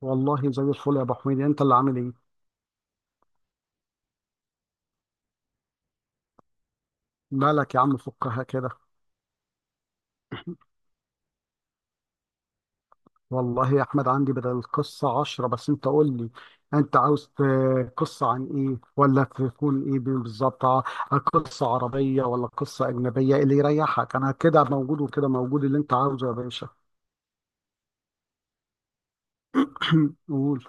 والله زي الفل يا ابو حميد، انت اللي عامل ايه؟ مالك يا عم، فكها كده. والله يا احمد عندي بدل القصه عشرة، بس انت قول لي، انت عاوز قصه عن ايه؟ ولا تكون ايه بالظبط؟ قصه عربيه ولا قصه اجنبيه؟ اللي يريحك، انا كده موجود وكده موجود، اللي انت عاوزه يا باشا. قول.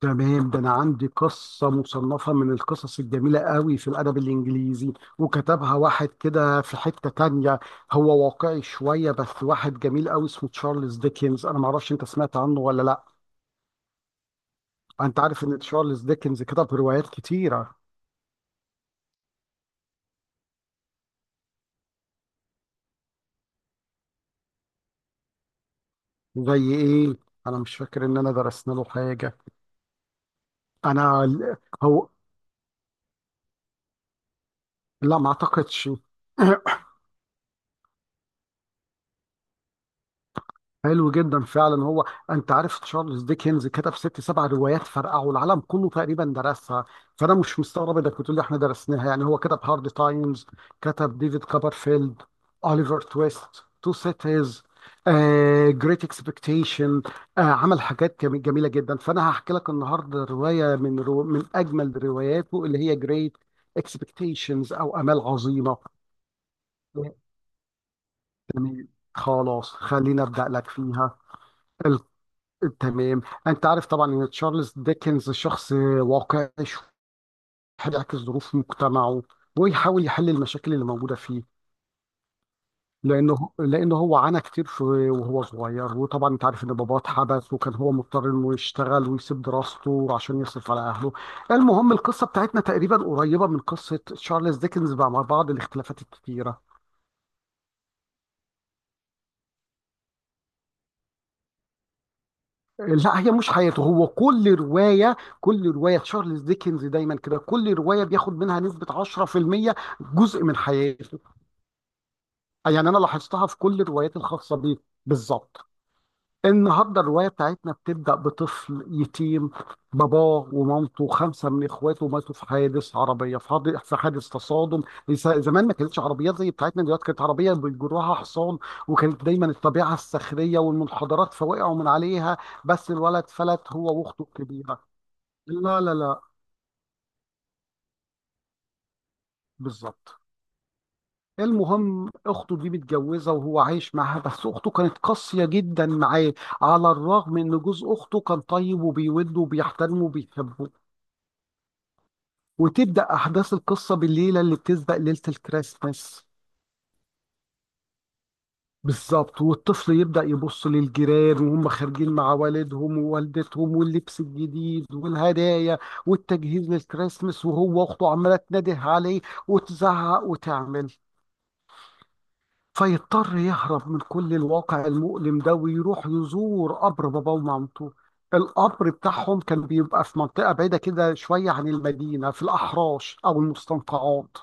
تمام، ده انا عندي قصه مصنفه من القصص الجميله قوي في الادب الانجليزي، وكتبها واحد كده في حته تانية. هو واقعي شويه، بس واحد جميل قوي اسمه تشارلز ديكنز. انا ما اعرفش انت سمعت عنه ولا لا. انت عارف ان تشارلز ديكنز كتب روايات كتيره؟ زي ايه؟ انا مش فاكر ان انا درسنا له حاجه. انا هو لا ما اعتقدش. حلو جدا فعلا. هو انت عارف تشارلز ديكنز كتب ست سبع روايات فرقعوا العالم كله تقريبا درسها، فانا مش مستغرب انك بتقول لي احنا درسناها. يعني هو كتب هارد تايمز، كتب ديفيد كوبرفيلد، اوليفر تويست، تو سيتيز، جريت اكسبكتيشن. عمل حاجات جميله جدا، فانا هحكي لك النهارده روايه من اجمل رواياته اللي هي جريت اكسبكتيشنز او امال عظيمه. تمام، خلاص خلينا ابدا لك فيها. تمام، انت عارف طبعا ان تشارلز ديكنز شخص واقعي شوية، بيعكس ظروف مجتمعه ويحاول يحل المشاكل اللي موجوده فيه. لانه هو عانى كتير في وهو صغير، وطبعا انت عارف ان باباه اتحبس وكان هو مضطر انه يشتغل ويسيب دراسته عشان يصرف على اهله. المهم القصه بتاعتنا تقريبا قريبه من قصه تشارلز ديكنز مع بعض الاختلافات الكتيره. لا هي مش حياته، هو كل رواية، كل رواية تشارلز ديكنز دايما كده، كل رواية بياخد منها نسبة 10% جزء من حياته. يعني أنا لاحظتها في كل الروايات الخاصة بيه. بالظبط. النهارده الروايه بتاعتنا بتبدا بطفل يتيم. باباه ومامته وخمسه من اخواته ماتوا في حادث عربيه، في في حادث تصادم. زمان ما كانتش عربيات زي بتاعتنا دلوقتي، كانت عربيه بيجروها حصان، وكانت دايما الطبيعه الصخريه والمنحدرات فوقعوا من عليها. بس الولد فلت هو واخته الكبيره. لا لا لا. بالظبط. المهم اخته دي متجوزه وهو عايش معاها، بس اخته كانت قاسيه جدا معاه، على الرغم ان جوز اخته كان طيب وبيوده وبيحترمه وبيحبه. وتبدأ أحداث القصة بالليلة اللي بتسبق ليلة الكريسماس. بالظبط. والطفل يبدأ يبص للجيران وهم خارجين مع والدهم ووالدتهم، واللبس الجديد والهدايا والتجهيز للكريسماس، وهو وأخته عمالة تنده عليه وتزعق وتعمل. فيضطر يهرب من كل الواقع المؤلم ده ويروح يزور قبر باباه ومامته. القبر بتاعهم كان بيبقى في منطقة بعيدة كده شوية عن المدينة، في الأحراش أو المستنقعات.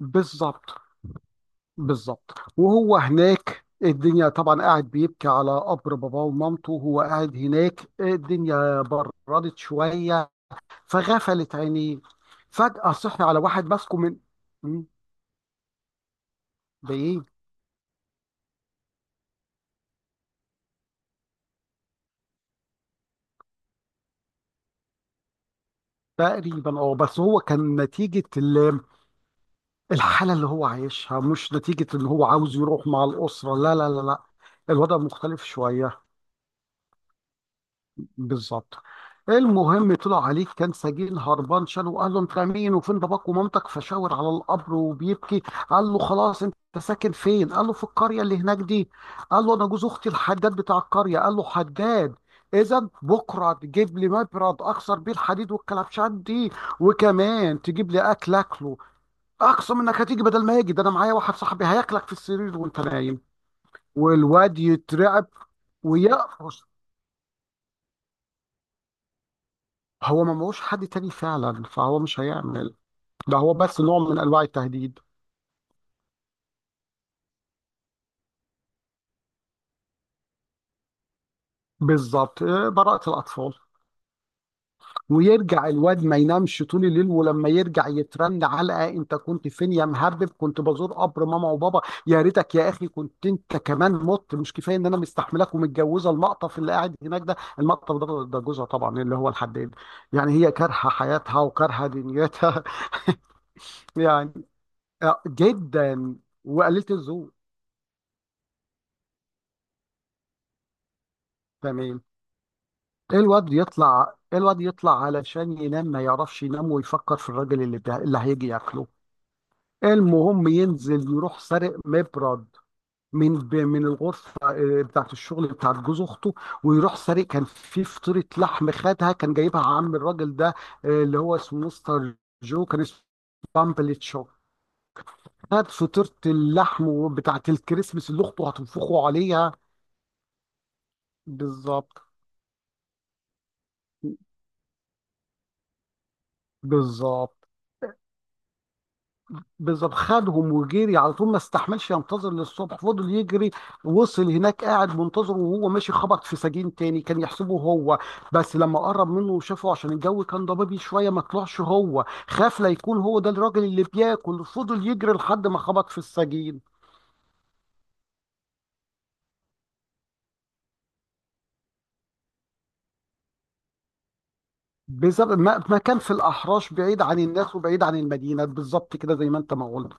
بالظبط. بالظبط. وهو هناك الدنيا طبعا قاعد بيبكي على قبر باباه ومامته، وهو قاعد هناك الدنيا بردت شوية، فغفلت عينيه. فجأة صحي على واحد ماسكه من مم، بإيه؟ تقريبا اه، بس هو كان نتيجة الحالة اللي هو عايشها، مش نتيجة ان هو عاوز يروح مع الأسرة. لا لا لا لا، الوضع مختلف شوية. بالظبط. المهم طلع عليك كان سجين هربان شان، وقال له انت مين وفين باباك ومامتك؟ فشاور على القبر وبيبكي. قال له خلاص انت ساكن فين؟ قال له في القريه اللي هناك دي. قال له انا جوز اختي الحداد بتاع القريه. قال له حداد؟ اذا بكره تجيب لي مبرد اكسر بيه الحديد والكلبشات دي، وكمان تجيب لي اكل اكله. اقسم انك هتيجي، بدل ما يجي، ده انا معايا واحد صاحبي هياكلك في السرير وانت نايم. والواد يترعب ويقفش. هو ما معهوش حد تاني فعلا، فهو مش هيعمل. ده هو بس نوع من انواع التهديد. بالظبط. آه، براءة الأطفال. ويرجع الواد ما ينامش طول الليل، ولما يرجع يترن علقة. انت كنت فين يا مهرب؟ كنت بزور قبر ماما وبابا. يا ريتك يا اخي كنت انت كمان مت. مش كفايه ان انا مستحملك ومتجوزه المقطف اللي قاعد هناك ده، المقطف ده ده جوزها طبعا اللي هو الحداد. يعني هي كارهه حياتها وكارهه دنيتها. يعني آه، جدا. وقليله الذوق. تمام. ايه الواد يطلع، ايه الواد يطلع علشان ينام، ما يعرفش ينام، ويفكر في الراجل اللي اللي هيجي ياكله. المهم ينزل يروح سارق مبرد من من الغرفه، آه، بتاعت الشغل بتاعت جوز اخته. ويروح سارق كان في فطيره لحم، خدها كان جايبها عم الراجل ده، آه، اللي هو اسمه مستر جو كان اسمه، بامبلتشو. خد فطيره اللحم بتاعت الكريسماس اللي اخته هتنفخه عليها. بالظبط. بالظبط. بالظبط خدهم وجري على طول، ما استحملش ينتظر للصبح، فضل يجري. وصل هناك قاعد منتظره، وهو ماشي خبط في سجين تاني كان يحسبه هو، بس لما قرب منه وشافه عشان الجو كان ضبابي شويه ما طلعش هو. خاف لا يكون هو ده الراجل اللي بياكل، فضل يجري لحد ما خبط في السجين. بالظبط. ما كان في الاحراش بعيد عن الناس وبعيد عن المدينه، بالظبط كده زي ما انت ما قلت.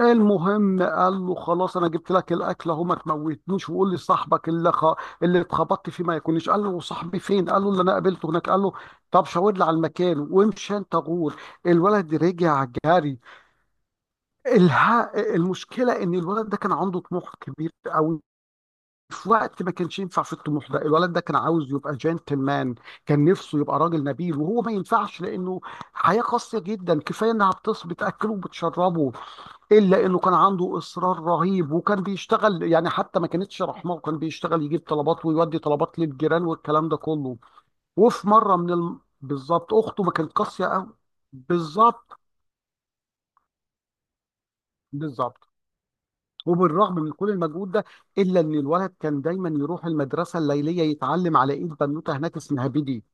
المهم قال له خلاص انا جبت لك الاكل اهو، ما تموتنيش، وقول لي صاحبك اللي اللي اتخبطت فيه ما يكونش. قال له صاحبي فين؟ قال له اللي انا قابلته هناك. قال له طب شاور لي على المكان وامشي انت غور. الولد رجع جري. الها المشكله ان الولد ده كان عنده طموح كبير قوي في وقت ما كانش ينفع في الطموح ده. الولد ده كان عاوز يبقى جنتلمان، كان نفسه يبقى راجل نبيل، وهو ما ينفعش لانه حياة قاسية جدا، كفاية انها بتص بتاكله وبتشربه. الا انه كان عنده اصرار رهيب، وكان بيشتغل، يعني حتى ما كانتش رحمه، وكان بيشتغل يجيب طلبات ويودي طلبات للجيران والكلام ده كله. وفي مره من بالظبط، اخته ما كانت قاسيه قوي. بالظبط. بالظبط. وبالرغم من كل المجهود ده، الا ان الولد كان دايما يروح المدرسه الليليه يتعلم على ايد بنوته هناك اسمها بيدي.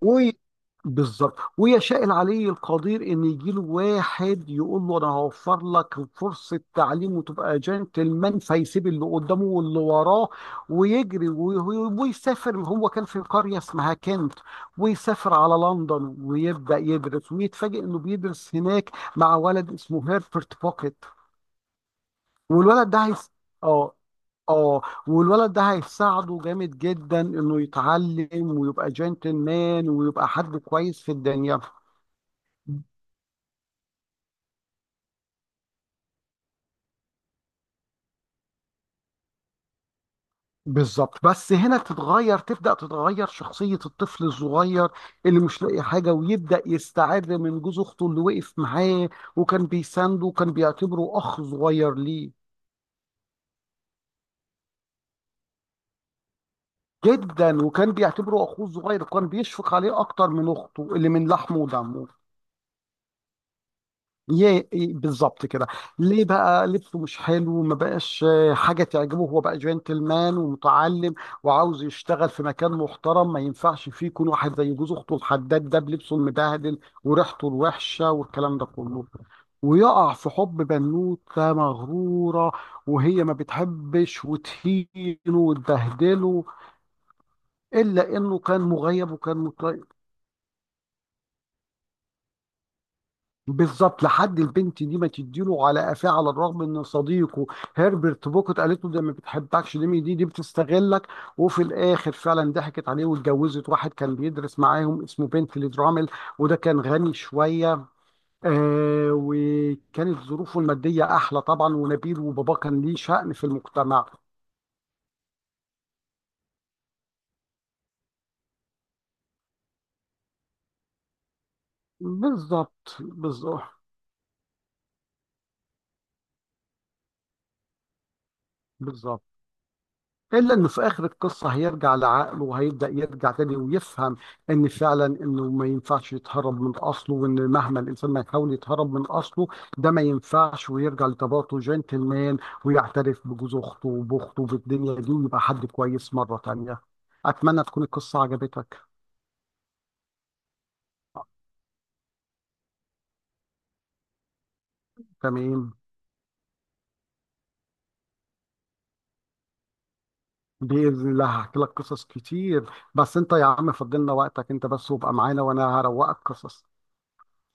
وي بالظبط. ويشاء العلي القدير ان يجي له واحد يقول له انا هوفر لك فرصه تعليم وتبقى جنتلمان، فيسيب اللي قدامه واللي وراه ويجري ويسافر. هو كان في قريه اسمها كنت، ويسافر على لندن ويبدا يدرس، ويتفاجئ انه بيدرس هناك مع ولد اسمه هيربرت بوكيت. والولد ده هيس... اه اه. والولد ده هيساعده جامد جدا انه يتعلم ويبقى جنتلمان ويبقى حد كويس في الدنيا. بالظبط. بس هنا تتغير، تبدأ تتغير شخصية الطفل الصغير اللي مش لاقي حاجة، ويبدأ يستعر من جوز أخته اللي وقف معاه وكان بيسانده وكان بيعتبره أخ صغير ليه. جدا، وكان بيعتبره أخوه صغير وكان بيشفق عليه أكتر من أخته اللي من لحمه ودمه. يه بالظبط كده. ليه بقى لبسه مش حلو، ما بقاش آه، حاجه تعجبه، هو بقى جنتلمان ومتعلم وعاوز يشتغل في مكان محترم، ما ينفعش فيه يكون واحد زي جوز اخته الحداد ده بلبسه المبهدل وريحته الوحشه والكلام ده كله. ويقع في حب بنوته مغروره، وهي ما بتحبش وتهينه وتبهدله. الا انه كان مغيب وكان بالظبط، لحد البنت دي ما تديله على قفاه، على الرغم ان صديقه هربرت بوكت قالت له ده ما بتحبكش، دي بتستغلك. وفي الاخر فعلا ضحكت عليه واتجوزت واحد كان بيدرس معاهم اسمه بنتلي درامل. وده كان غني شويه، آه، وكانت ظروفه الماديه احلى طبعا ونبيل وباباه كان ليه شأن في المجتمع. بالظبط. بالظبط. بالظبط. إلا إنه في آخر القصة هيرجع لعقله، وهيبدأ يرجع تاني ويفهم إن فعلا إنه ما ينفعش يتهرب من أصله، وإن مهما الإنسان ما يحاول يتهرب من أصله ده ما ينفعش، ويرجع لطبيعته جنتلمان، ويعترف بجوز أخته وبأخته في الدنيا دي، ويبقى حد كويس مرة تانية. أتمنى تكون القصة عجبتك. تمام. بإذن الله هحكي لك قصص كتير، بس أنت يا عم فضلنا وقتك أنت بس وابقى معانا وأنا هروقك قصص.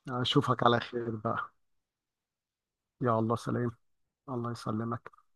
أشوفك على خير بقى. يا الله، سلام. الله يسلمك.